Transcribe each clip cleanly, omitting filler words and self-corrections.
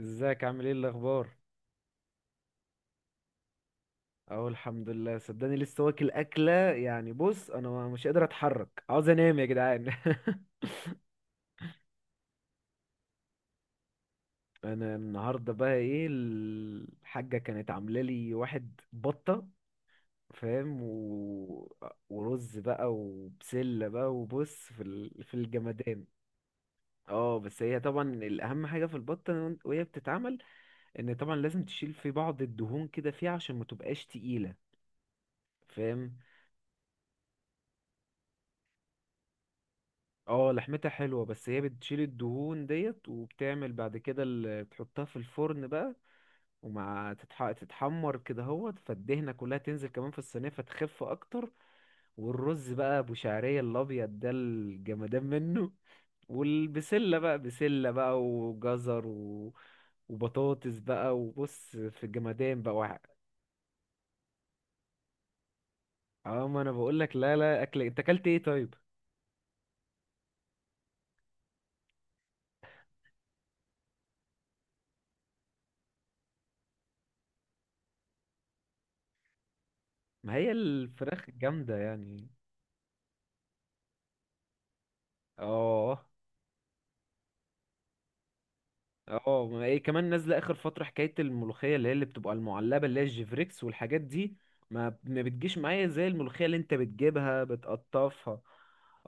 ازيك؟ عامل ايه؟ الاخبار؟ اهو الحمد لله، صدقني لسه واكل اكله. يعني بص انا مش قادر اتحرك، عاوز انام يا جدعان. انا النهارده بقى ايه الحاجه كانت عامله لي واحد بطه، فاهم ورز بقى وبسله بقى، وبص في في الجمدان. اه بس هي طبعا الاهم حاجه في البطه وهي بتتعمل ان طبعا لازم تشيل في بعض الدهون كده فيها عشان ما تبقاش تقيله، فاهم. اه لحمتها حلوة بس هي بتشيل الدهون ديت وبتعمل بعد كده اللي بتحطها في الفرن بقى. ومع تتحمر كده هوت، فالدهنة كلها تنزل كمان في الصينية فتخف أكتر. والرز بقى أبو شعرية الأبيض ده، الجمدان منه. والبسلة بقى بسلة بقى وجزر وبطاطس بقى، وبص في الجمدان بقى اه ما انا بقول لك. لا لا، اكل إيه، انت اكلت ايه طيب؟ ما هي الفراخ الجامدة يعني. اه اه، ما ايه كمان نازله اخر فتره حكايه الملوخيه اللي هي اللي بتبقى المعلبه اللي هي الجيفريكس والحاجات دي. ما بتجيش معايا زي الملوخيه اللي انت بتجيبها بتقطفها.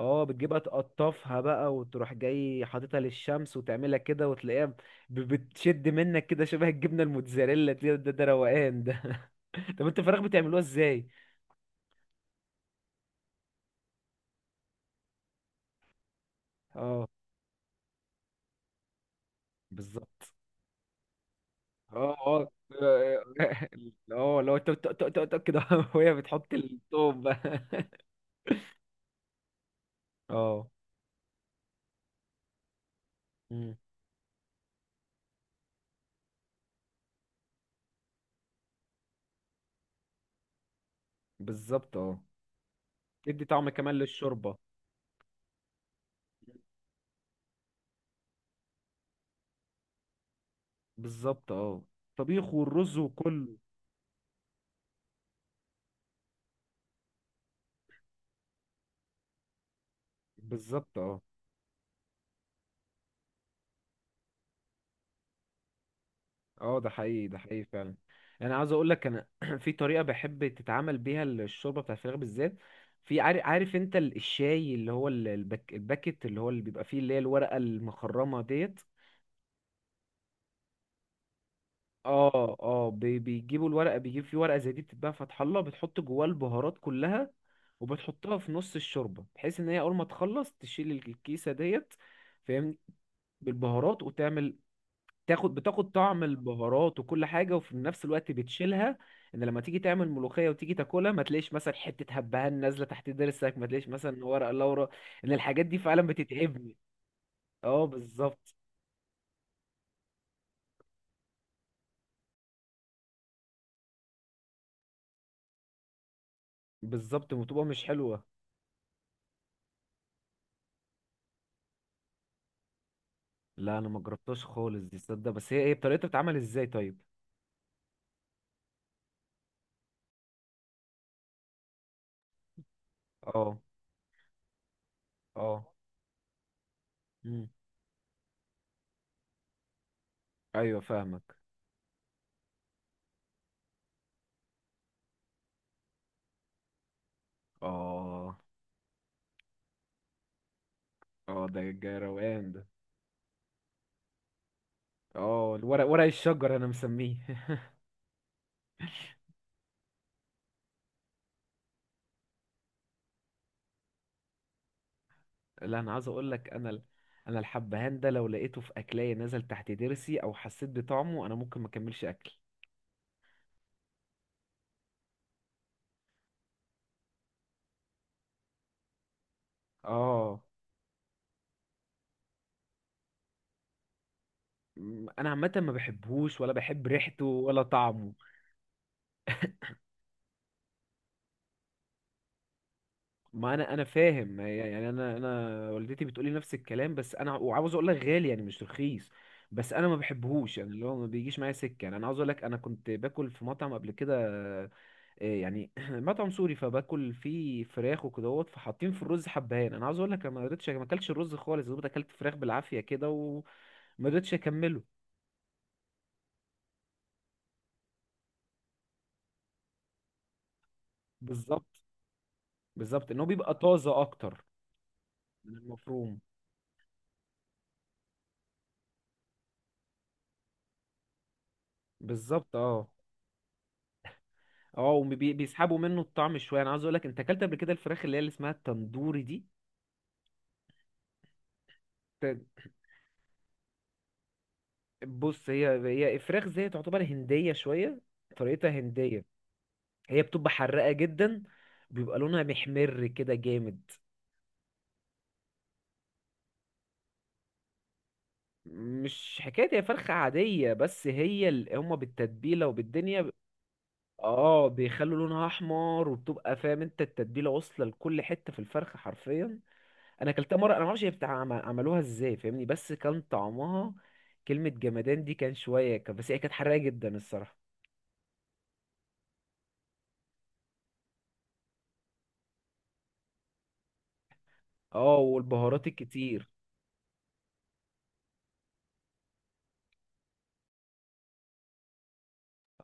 اه بتجيبها تقطفها بقى وتروح جاي حاططها للشمس وتعملها كده وتلاقيها بتشد منك كده شبه الجبنه الموتزاريلا دي. ده روقان ده. طب انت الفراخ بتعملوها ازاي؟ اه بالظبط. اه اه. اه لو انت كده وهي بتحط التوم بقى. اه بالظبط. اه تدي طعم كمان للشوربة. بالظبط اه، الطبيخ والرز وكله. بالظبط اه. اه ده حقيقي، ده حقيقي فعلا. انا عاوز اقول لك انا في طريقة بحب تتعمل بيها الشوربة بتاع الفراخ بالذات. في عارف انت الشاي اللي هو البك الباكت اللي هو اللي بيبقى فيه اللي هي الورقة المخرمة ديت. اه اه، بيجيبوا الورقة، بيجيب فيه ورقة زي دي بتتباع فتح الله، بتحط جواه البهارات كلها، وبتحطها في نص الشوربة بحيث ان هي اول ما تخلص تشيل الكيسة ديت. فاهمني، بالبهارات وتعمل، تاخد بتاخد طعم البهارات وكل حاجة وفي نفس الوقت بتشيلها، ان لما تيجي تعمل ملوخية وتيجي تاكلها ما تلاقيش مثلا حتة هبهان نازلة تحت ضرسك، ما تلاقيش مثلا ورق لورا. ان الحاجات دي فعلا بتتعبني. اه بالظبط. بالظبط، وتبقى مش حلوة. لا انا ما جربتهاش خالص دي تصدق، بس هي ايه طريقتها، بتتعمل ازاي طيب؟ اه اه. مم. ايوه فاهمك. اه اه ده روقان ده. اه ورق الشجر انا مسميه. لا انا عايز اقول لك انا الحبهان ده لو لقيته في اكلاية نزل تحت ضرسي او حسيت بطعمه انا ممكن ما اكملش اكل. اه انا عامه ما بحبهوش ولا بحب ريحته ولا طعمه. ما انا فاهم يعني. انا والدتي بتقولي نفس الكلام، بس انا وعاوز اقول لك غالي يعني، مش رخيص. بس انا ما بحبهوش يعني، اللي هو ما بيجيش معايا سكه. يعني انا عاوز اقول لك انا كنت باكل في مطعم قبل كده. إيه يعني مطعم سوري، فباكل فيه فراخ وكدهوت، فحاطين في الرز حبهان. انا عاوز اقول لك انا ما قدرتش، ما اكلتش الرز خالص، دوبت اكلت فراخ بالعافيه كده وما قدرتش اكمله. بالظبط. بالظبط، ان هو بيبقى طازه اكتر من المفروم. بالظبط اه. اه وبيسحبوا منه الطعم شويه. انا عاوز اقول لك، انت اكلت قبل كده الفراخ اللي هي اللي اسمها التندوري دي؟ ت- بص، هي الفراخ زي تعتبر هنديه شويه، طريقتها هنديه. هي بتبقى حراقه جدا، بيبقى لونها محمر كده جامد. مش حكاية، هي فرخة عادية، بس هي هما بالتتبيلة وبالدنيا اه بيخلوا لونها احمر، وبتبقى فاهم انت التتبيلة واصلة لكل حتة في الفرخة حرفيا. انا اكلتها مرة، انا معرفش هي بتاع عملوها ازاي، فاهمني، بس كان طعمها كلمة جمدان دي. كان شوية كان بس هي كانت حراقة جدا الصراحة. اه والبهارات الكتير.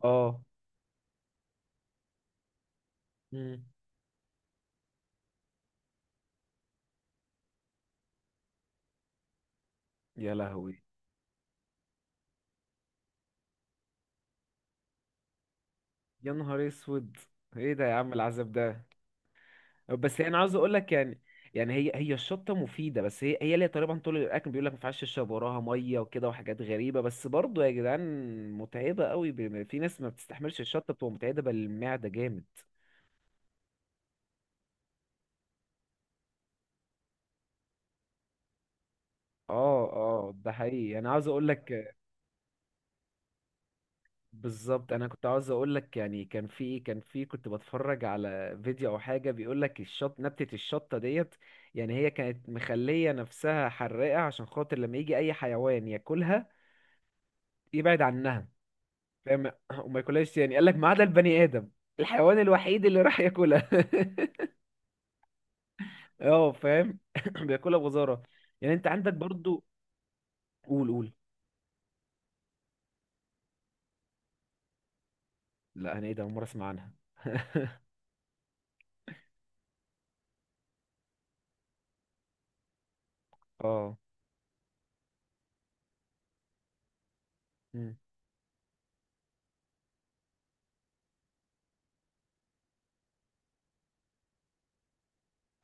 اه. مم. يا لهوي. يا نهار اسود، ايه ده يا عم العذاب ده. بس انا عاوز اقول لك يعني، يعني هي الشطه مفيده، بس هي ليها طريقه. طول الاكل بيقول لك ما ينفعش تشرب وراها ميه وكده وحاجات غريبه، بس برضه يا جدعان متعبه قوي. في ناس ما بتستحملش الشطه، بتبقى متعبه للمعده جامد. اه اه، ده حقيقي. انا عاوز اقول لك بالظبط. انا كنت عاوز اقول لك يعني، كان في كنت بتفرج على فيديو او حاجه، بيقول لك الشط نبتة الشطه ديت يعني هي كانت مخليه نفسها حراقه عشان خاطر لما يجي اي حيوان ياكلها يبعد عنها. فاهم. وما ياكلهاش يعني، قال لك ما عدا البني ادم، الحيوان الوحيد اللي راح ياكلها. اه فاهم. بياكلها بغزاره. يعني انت عندك برضو. قول قول. لا، انا ايه ده، أول مره اسمع عنها. اه. مم.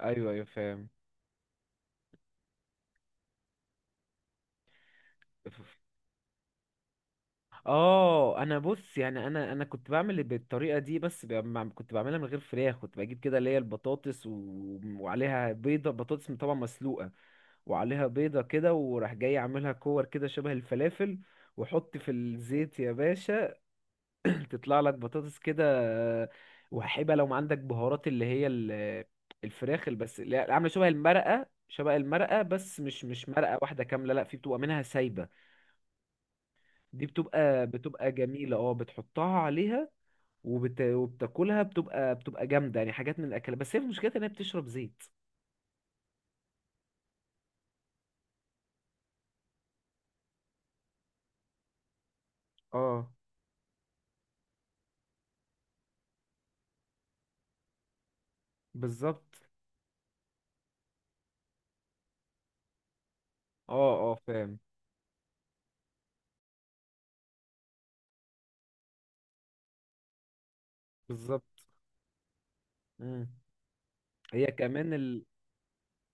ايوه ايوه فاهم. اه انا بص يعني، انا كنت بعمل بالطريقه دي، بس كنت بعملها من غير فراخ. كنت بجيب كده اللي هي البطاطس وعليها بيضه، بطاطس طبعا مسلوقه، وعليها بيضه كده، وراح جاي عاملها كور كده شبه الفلافل، واحط في الزيت يا باشا، تطلع لك بطاطس كده. آه، وهيبقى لو ما عندك بهارات اللي هي الفراخ اللي بس اللي عامله شبه المرقه، شبه المرقه بس، مش مرقه واحده كامله لا، في بتبقى منها سايبه. دي بتبقى، جميله اه، بتحطها عليها. وبتاكلها، بتبقى، جامده يعني، حاجات من الاكل، بس هي مشكلتها ان هي بتشرب زيت. اه بالظبط. اه اه فاهم. بالظبط. مم. هي كمان،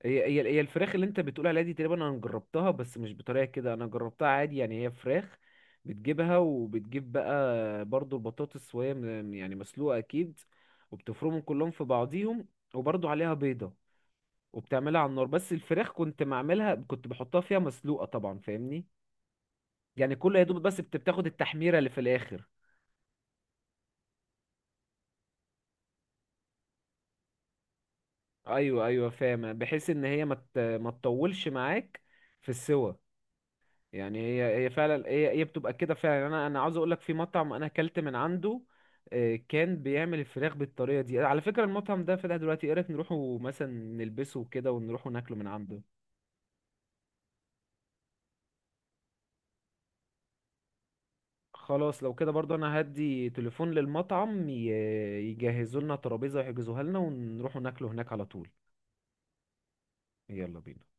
هي الفراخ اللي انت بتقول عليها دي تقريبا انا جربتها، بس مش بطريقه كده، انا جربتها عادي يعني. هي فراخ بتجيبها، وبتجيب بقى برضو البطاطس، وهي يعني مسلوقه اكيد، وبتفرمهم كلهم في بعضيهم، وبرضو عليها بيضه، وبتعملها على النار. بس الفراخ كنت معملها، كنت بحطها فيها مسلوقه طبعا، فاهمني، يعني كل يا دوب بس بتاخد التحميره اللي في الاخر. ايوه ايوه فاهمه، بحيث ان هي ما تطولش معاك في السوى. يعني هي فعلا، هي بتبقى كده فعلا يعني. انا عاوز اقول لك في مطعم انا اكلت من عنده. آه، كان بيعمل الفراخ بالطريقه دي. على فكره المطعم ده فتح دلوقتي، ايه رايك نروحوا مثلا نلبسه كده ونروحوا ناكله من عنده؟ خلاص لو كده برضه انا هدي تليفون للمطعم يجهزوا لنا ترابيزه ويحجزوها لنا، ونروحوا ناكله هناك على طول. يلا بينا.